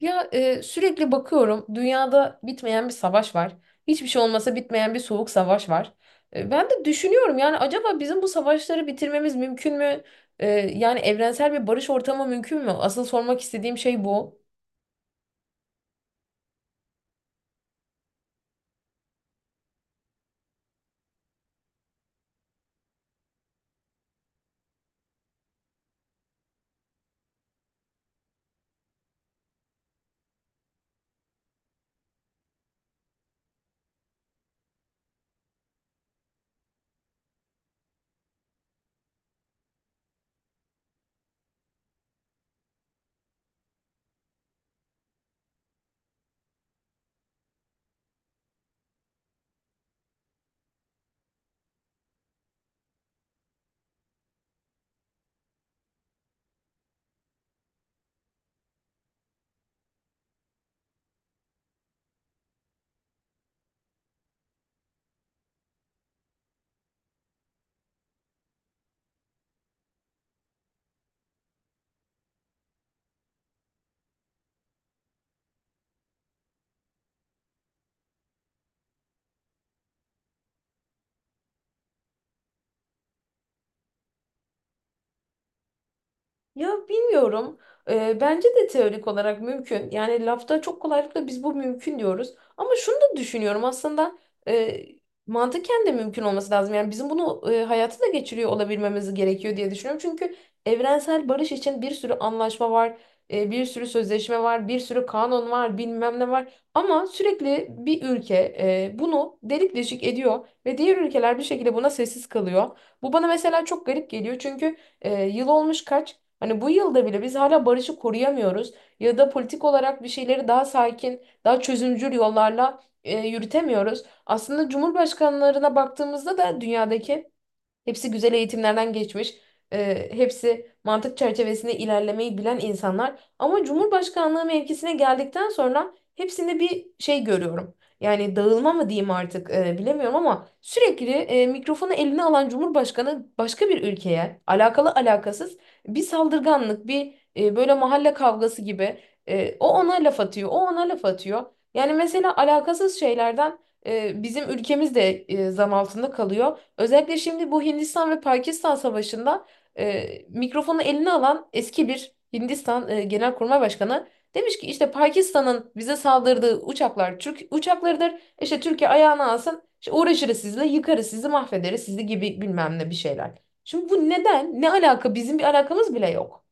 Ya sürekli bakıyorum dünyada bitmeyen bir savaş var. Hiçbir şey olmasa bitmeyen bir soğuk savaş var. Ben de düşünüyorum yani acaba bizim bu savaşları bitirmemiz mümkün mü? Yani evrensel bir barış ortamı mümkün mü? Asıl sormak istediğim şey bu. Ya bilmiyorum. Bence de teorik olarak mümkün. Yani lafta çok kolaylıkla biz bu mümkün diyoruz. Ama şunu da düşünüyorum aslında e, mantıken de mümkün olması lazım. Yani bizim bunu hayata da geçiriyor olabilmemiz gerekiyor diye düşünüyorum. Çünkü evrensel barış için bir sürü anlaşma var, bir sürü sözleşme var, bir sürü kanun var, bilmem ne var. Ama sürekli bir ülke bunu delik deşik ediyor ve diğer ülkeler bir şekilde buna sessiz kalıyor. Bu bana mesela çok garip geliyor çünkü yıl olmuş kaç? Hani bu yılda bile biz hala barışı koruyamıyoruz ya da politik olarak bir şeyleri daha sakin, daha çözümcül yollarla yürütemiyoruz. Aslında cumhurbaşkanlarına baktığımızda da dünyadaki hepsi güzel eğitimlerden geçmiş. Hepsi mantık çerçevesinde ilerlemeyi bilen insanlar. Ama Cumhurbaşkanlığı mevkisine geldikten sonra hepsinde bir şey görüyorum. Yani dağılma mı diyeyim artık, bilemiyorum ama sürekli mikrofonu eline alan Cumhurbaşkanı başka bir ülkeye alakalı alakasız bir saldırganlık, bir, böyle mahalle kavgası gibi o ona laf atıyor, o ona laf atıyor. Yani mesela alakasız şeylerden bizim ülkemiz de zan altında kalıyor. Özellikle şimdi bu Hindistan ve Pakistan savaşında mikrofonu eline alan eski bir Hindistan Genelkurmay Başkanı demiş ki işte Pakistan'ın bize saldırdığı uçaklar Türk uçaklarıdır. İşte Türkiye ayağına alsın. İşte uğraşırız sizinle, yıkarız sizi, mahvederiz sizi gibi bilmem ne bir şeyler. Şimdi bu neden? Ne alaka? Bizim bir alakamız bile yok.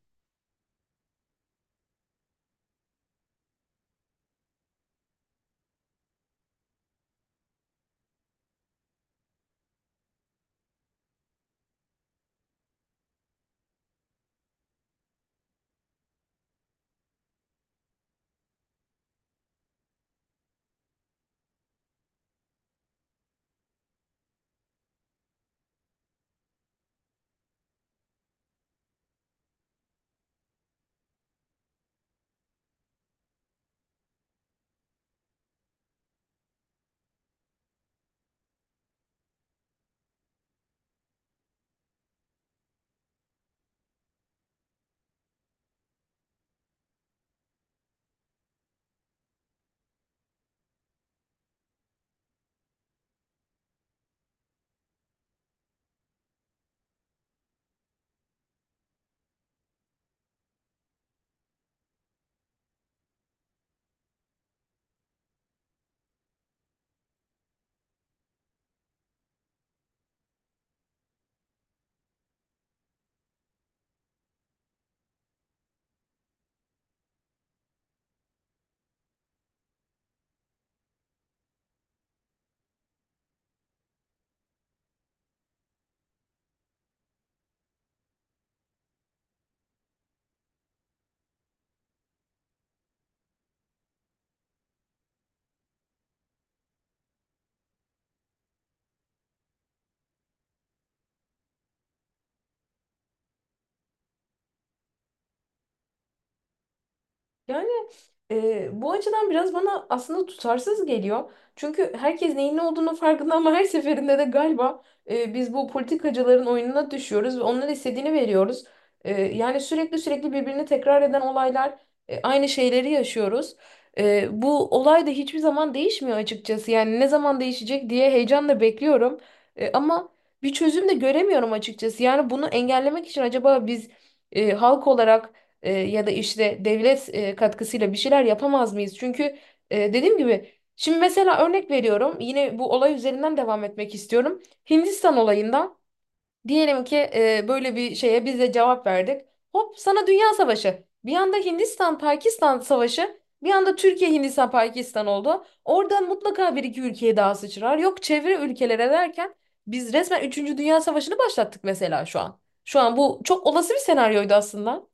Yani bu açıdan biraz bana aslında tutarsız geliyor. Çünkü herkes neyin ne olduğunu farkında ama her seferinde de galiba biz bu politikacıların oyununa düşüyoruz ve onların istediğini veriyoruz. Yani sürekli birbirini tekrar eden olaylar, aynı şeyleri yaşıyoruz. Bu olay da hiçbir zaman değişmiyor açıkçası. Yani ne zaman değişecek diye heyecanla bekliyorum. Ama bir çözüm de göremiyorum açıkçası. Yani bunu engellemek için acaba biz halk olarak ya da işte devlet katkısıyla bir şeyler yapamaz mıyız? Çünkü dediğim gibi şimdi mesela örnek veriyorum yine bu olay üzerinden devam etmek istiyorum. Hindistan olayından diyelim ki böyle bir şeye biz de cevap verdik. Hop sana Dünya Savaşı. Bir anda Hindistan-Pakistan Savaşı, bir anda Türkiye-Hindistan-Pakistan oldu. Oradan mutlaka bir iki ülkeye daha sıçrar. Yok çevre ülkelere derken biz resmen üçüncü Dünya Savaşı'nı başlattık mesela şu an. Şu an bu çok olası bir senaryoydu aslında.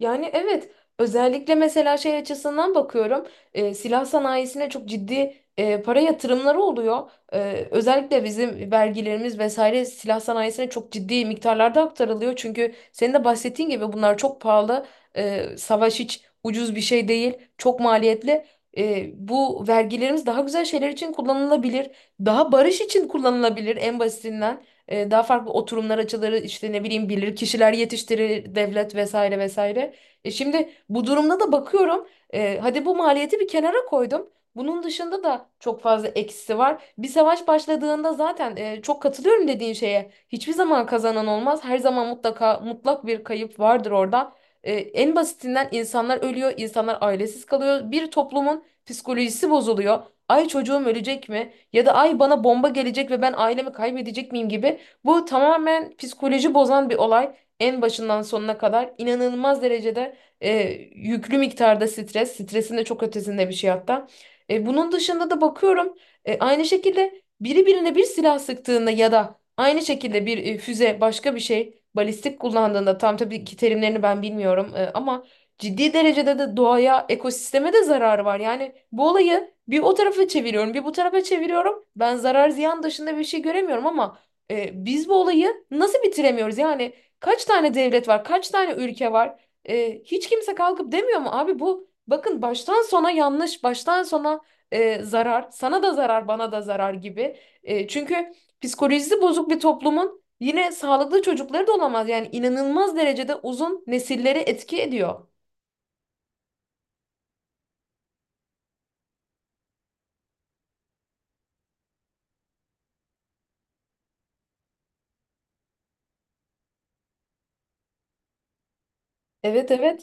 Yani evet, özellikle mesela şey açısından bakıyorum, silah sanayisine çok ciddi para yatırımları oluyor. Özellikle bizim vergilerimiz vesaire silah sanayisine çok ciddi miktarlarda aktarılıyor. Çünkü senin de bahsettiğin gibi bunlar çok pahalı. Savaş hiç ucuz bir şey değil. Çok maliyetli. Bu vergilerimiz daha güzel şeyler için kullanılabilir. Daha barış için kullanılabilir en basitinden. Daha farklı oturumlar açıları işte ne bileyim bilir kişiler yetiştirir devlet vesaire vesaire. E, şimdi bu durumda da bakıyorum. Hadi bu maliyeti bir kenara koydum. Bunun dışında da çok fazla eksisi var. Bir savaş başladığında zaten, çok katılıyorum dediğin şeye. Hiçbir zaman kazanan olmaz. Her zaman mutlaka mutlak bir kayıp vardır orada. En basitinden insanlar ölüyor, insanlar ailesiz kalıyor. Bir toplumun psikolojisi bozuluyor. Ay çocuğum ölecek mi? Ya da ay bana bomba gelecek ve ben ailemi kaybedecek miyim gibi. Bu tamamen psikoloji bozan bir olay. En başından sonuna kadar inanılmaz derecede e, yüklü miktarda stres, stresin de çok ötesinde bir şey hatta. Bunun dışında da bakıyorum, aynı şekilde biri birine bir silah sıktığında ya da aynı şekilde bir, füze başka bir şey balistik kullandığında, tam tabii ki terimlerini ben bilmiyorum, ama ciddi derecede de doğaya, ekosisteme de zararı var. Yani bu olayı bir o tarafa çeviriyorum, bir bu tarafa çeviriyorum. Ben zarar ziyan dışında bir şey göremiyorum ama biz bu olayı nasıl bitiremiyoruz? Yani kaç tane devlet var, kaç tane ülke var? Hiç kimse kalkıp demiyor mu abi bu bakın baştan sona yanlış, baştan sona zarar, sana da zarar, bana da zarar gibi. Çünkü psikolojisi bozuk bir toplumun yine sağlıklı çocukları da olamaz. Yani inanılmaz derecede uzun nesilleri etki ediyor. Evet, evet.